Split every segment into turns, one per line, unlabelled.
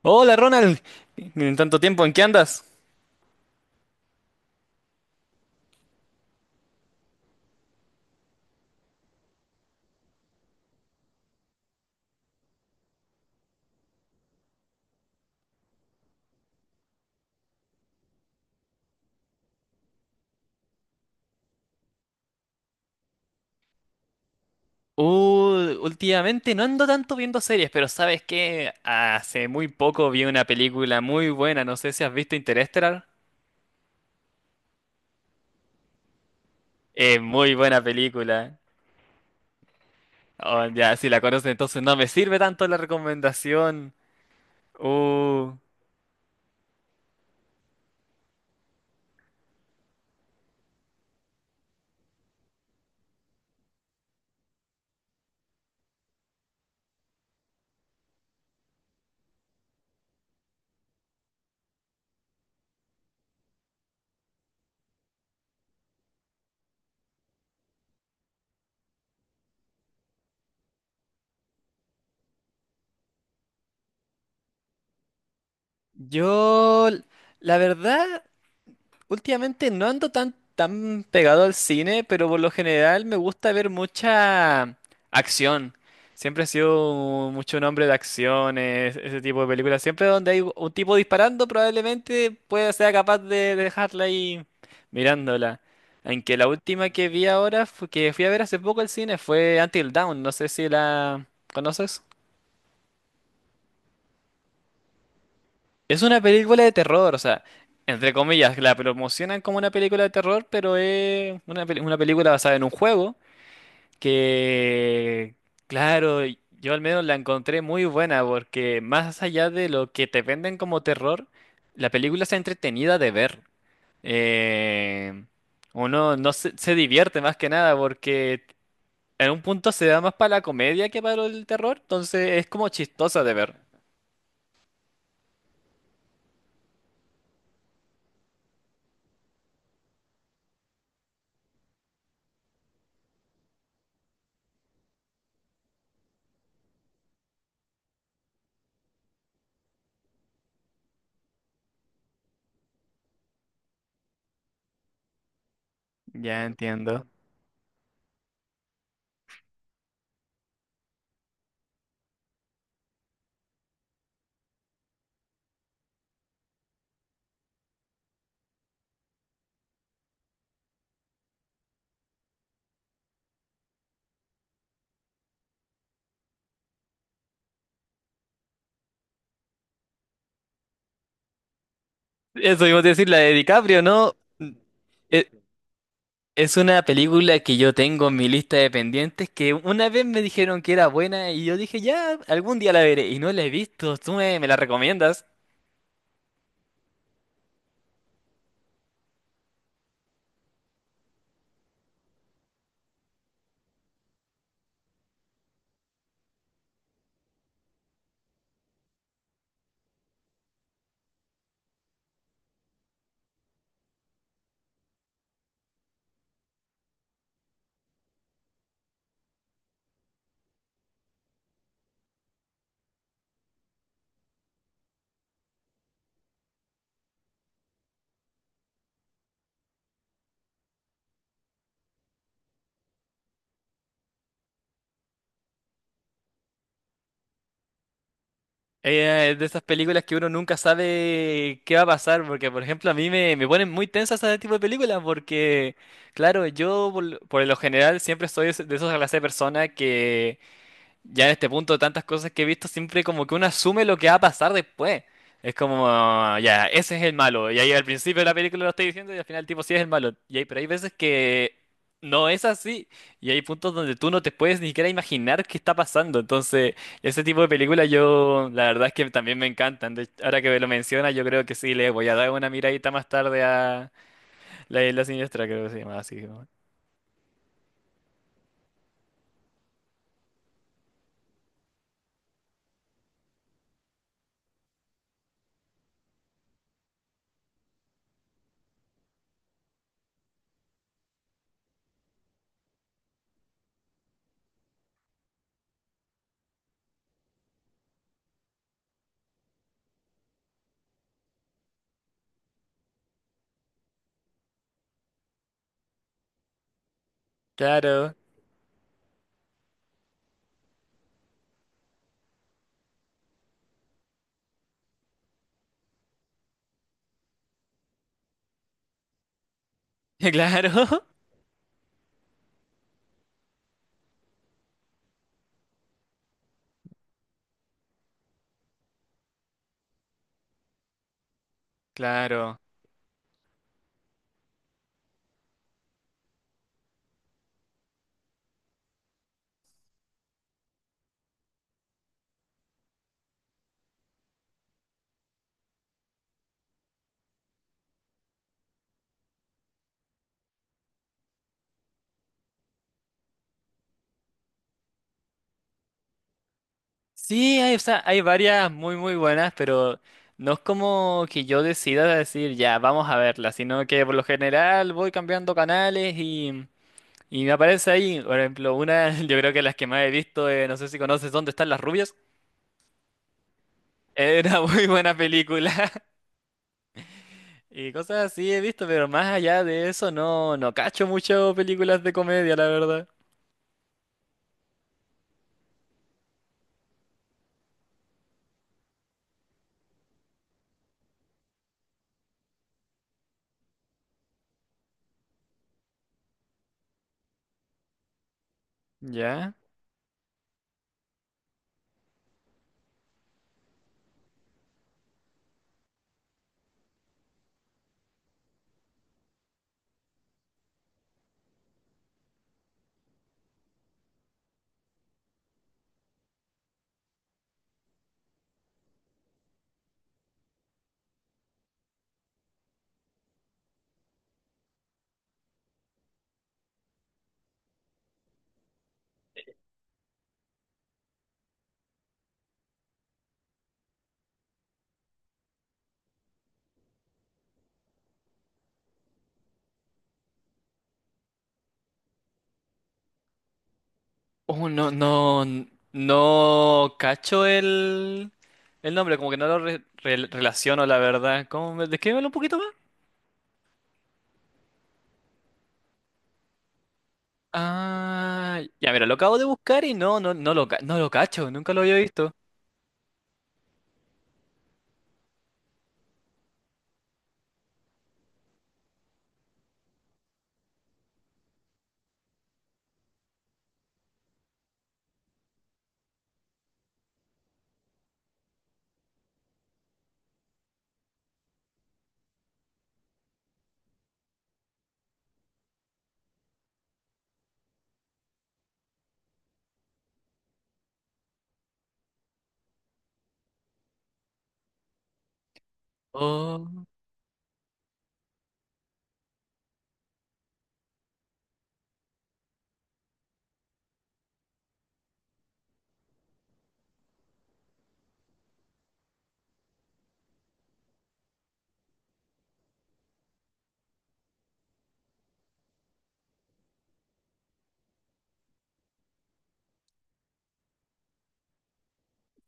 Hola Ronald, en tanto tiempo, ¿en qué andas? Últimamente no ando tanto viendo series, pero ¿sabes qué? Hace muy poco vi una película muy buena, no sé si has visto Interestelar. Es muy buena película. Oh, ya, si la conoces, entonces no me sirve tanto la recomendación. Uh, yo, la verdad, últimamente no ando tan pegado al cine, pero por lo general me gusta ver mucha acción. Siempre he sido mucho un hombre de acciones, ese tipo de películas. Siempre donde hay un tipo disparando, probablemente pueda sea capaz de dejarla ahí mirándola. Aunque la última que vi ahora, que fui a ver hace poco al cine, fue Until Dawn. No sé si la conoces. Es una película de terror, o sea, entre comillas, la promocionan como una película de terror, pero es una película basada en un juego que, claro, yo al menos la encontré muy buena porque más allá de lo que te venden como terror, la película está entretenida de ver. Eh, uno no se, se divierte más que nada porque en un punto se da más para la comedia que para el terror, entonces es como chistosa de ver. Ya entiendo. Eso iba a decir, la de DiCaprio, ¿no? E- Es una película que yo tengo en mi lista de pendientes que una vez me dijeron que era buena y yo dije, ya, algún día la veré y no la he visto, tú me la recomiendas. Es de esas películas que uno nunca sabe qué va a pasar, porque por ejemplo a mí me ponen muy tensas ese tipo de películas, porque claro, yo por lo general siempre soy de esa clase de persona que ya en este punto, de tantas cosas que he visto, siempre como que uno asume lo que va a pasar después. Es como, ya, ese es el malo. Y ahí al principio de la película lo estoy diciendo y al final el tipo sí es el malo. Y ahí, pero hay veces que no es así. Y hay puntos donde tú no te puedes ni siquiera imaginar qué está pasando. Entonces, ese tipo de películas yo, la verdad es que también me encantan. Ahora que me lo mencionas, yo creo que sí, le voy a dar una miradita más tarde a La Isla Siniestra, creo que se llama así. Como, claro, claro, claro. Sí, hay, o sea, hay varias muy muy buenas, pero no es como que yo decida decir ya, vamos a verla, sino que por lo general voy cambiando canales y me aparece ahí, por ejemplo, una, yo creo que las que más he visto, no sé si conoces ¿Dónde están las rubias? Era muy buena película y cosas así he visto, pero más allá de eso no, no cacho mucho películas de comedia, la verdad. ¿Ya? Oh, no, no, no cacho el nombre, como que no lo relaciono, la verdad. ¿Cómo me, descríbemelo un poquito más? Ah, ya mira, lo acabo de buscar y no, no, no lo, no lo cacho, nunca lo había visto.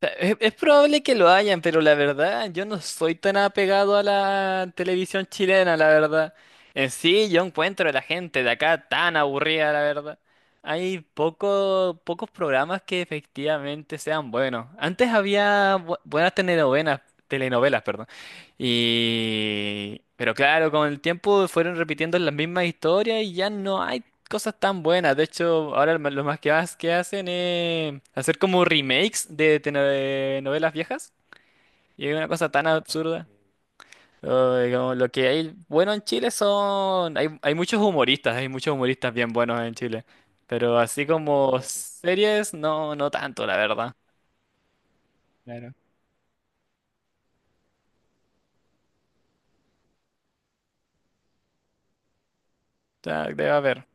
Es probable que lo hayan, pero la verdad, yo no soy tan apegado a la televisión chilena, la verdad. En sí, yo encuentro a la gente de acá tan aburrida, la verdad. Hay pocos programas que efectivamente sean buenos. Antes había buenas telenovelas, telenovelas, perdón. Y... pero claro, con el tiempo fueron repitiendo las mismas historias y ya no hay cosas tan buenas. De hecho, ahora lo más que, que hacen es hacer como remakes de, de novelas viejas. Y es una cosa tan absurda. Ay, como lo que hay bueno en Chile son... hay, hay muchos humoristas bien buenos en Chile. Pero así como series, no, no tanto, la verdad. Claro. Ya, debe haber.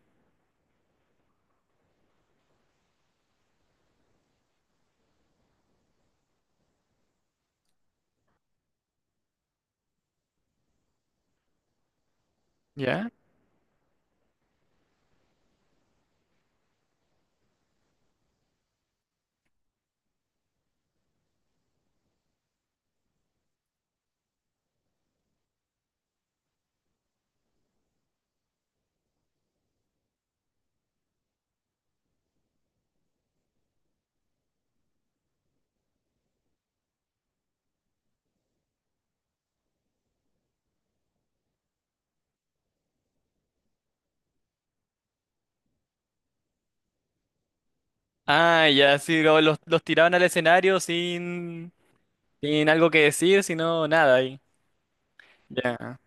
¿Ya? Ah, ya, sí, como los tiraban al escenario sin, sin algo que decir, sino nada ahí. Ya.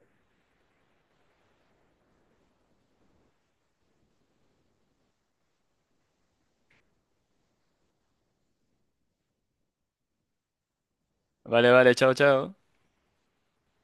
Vale, vale, chao, chao.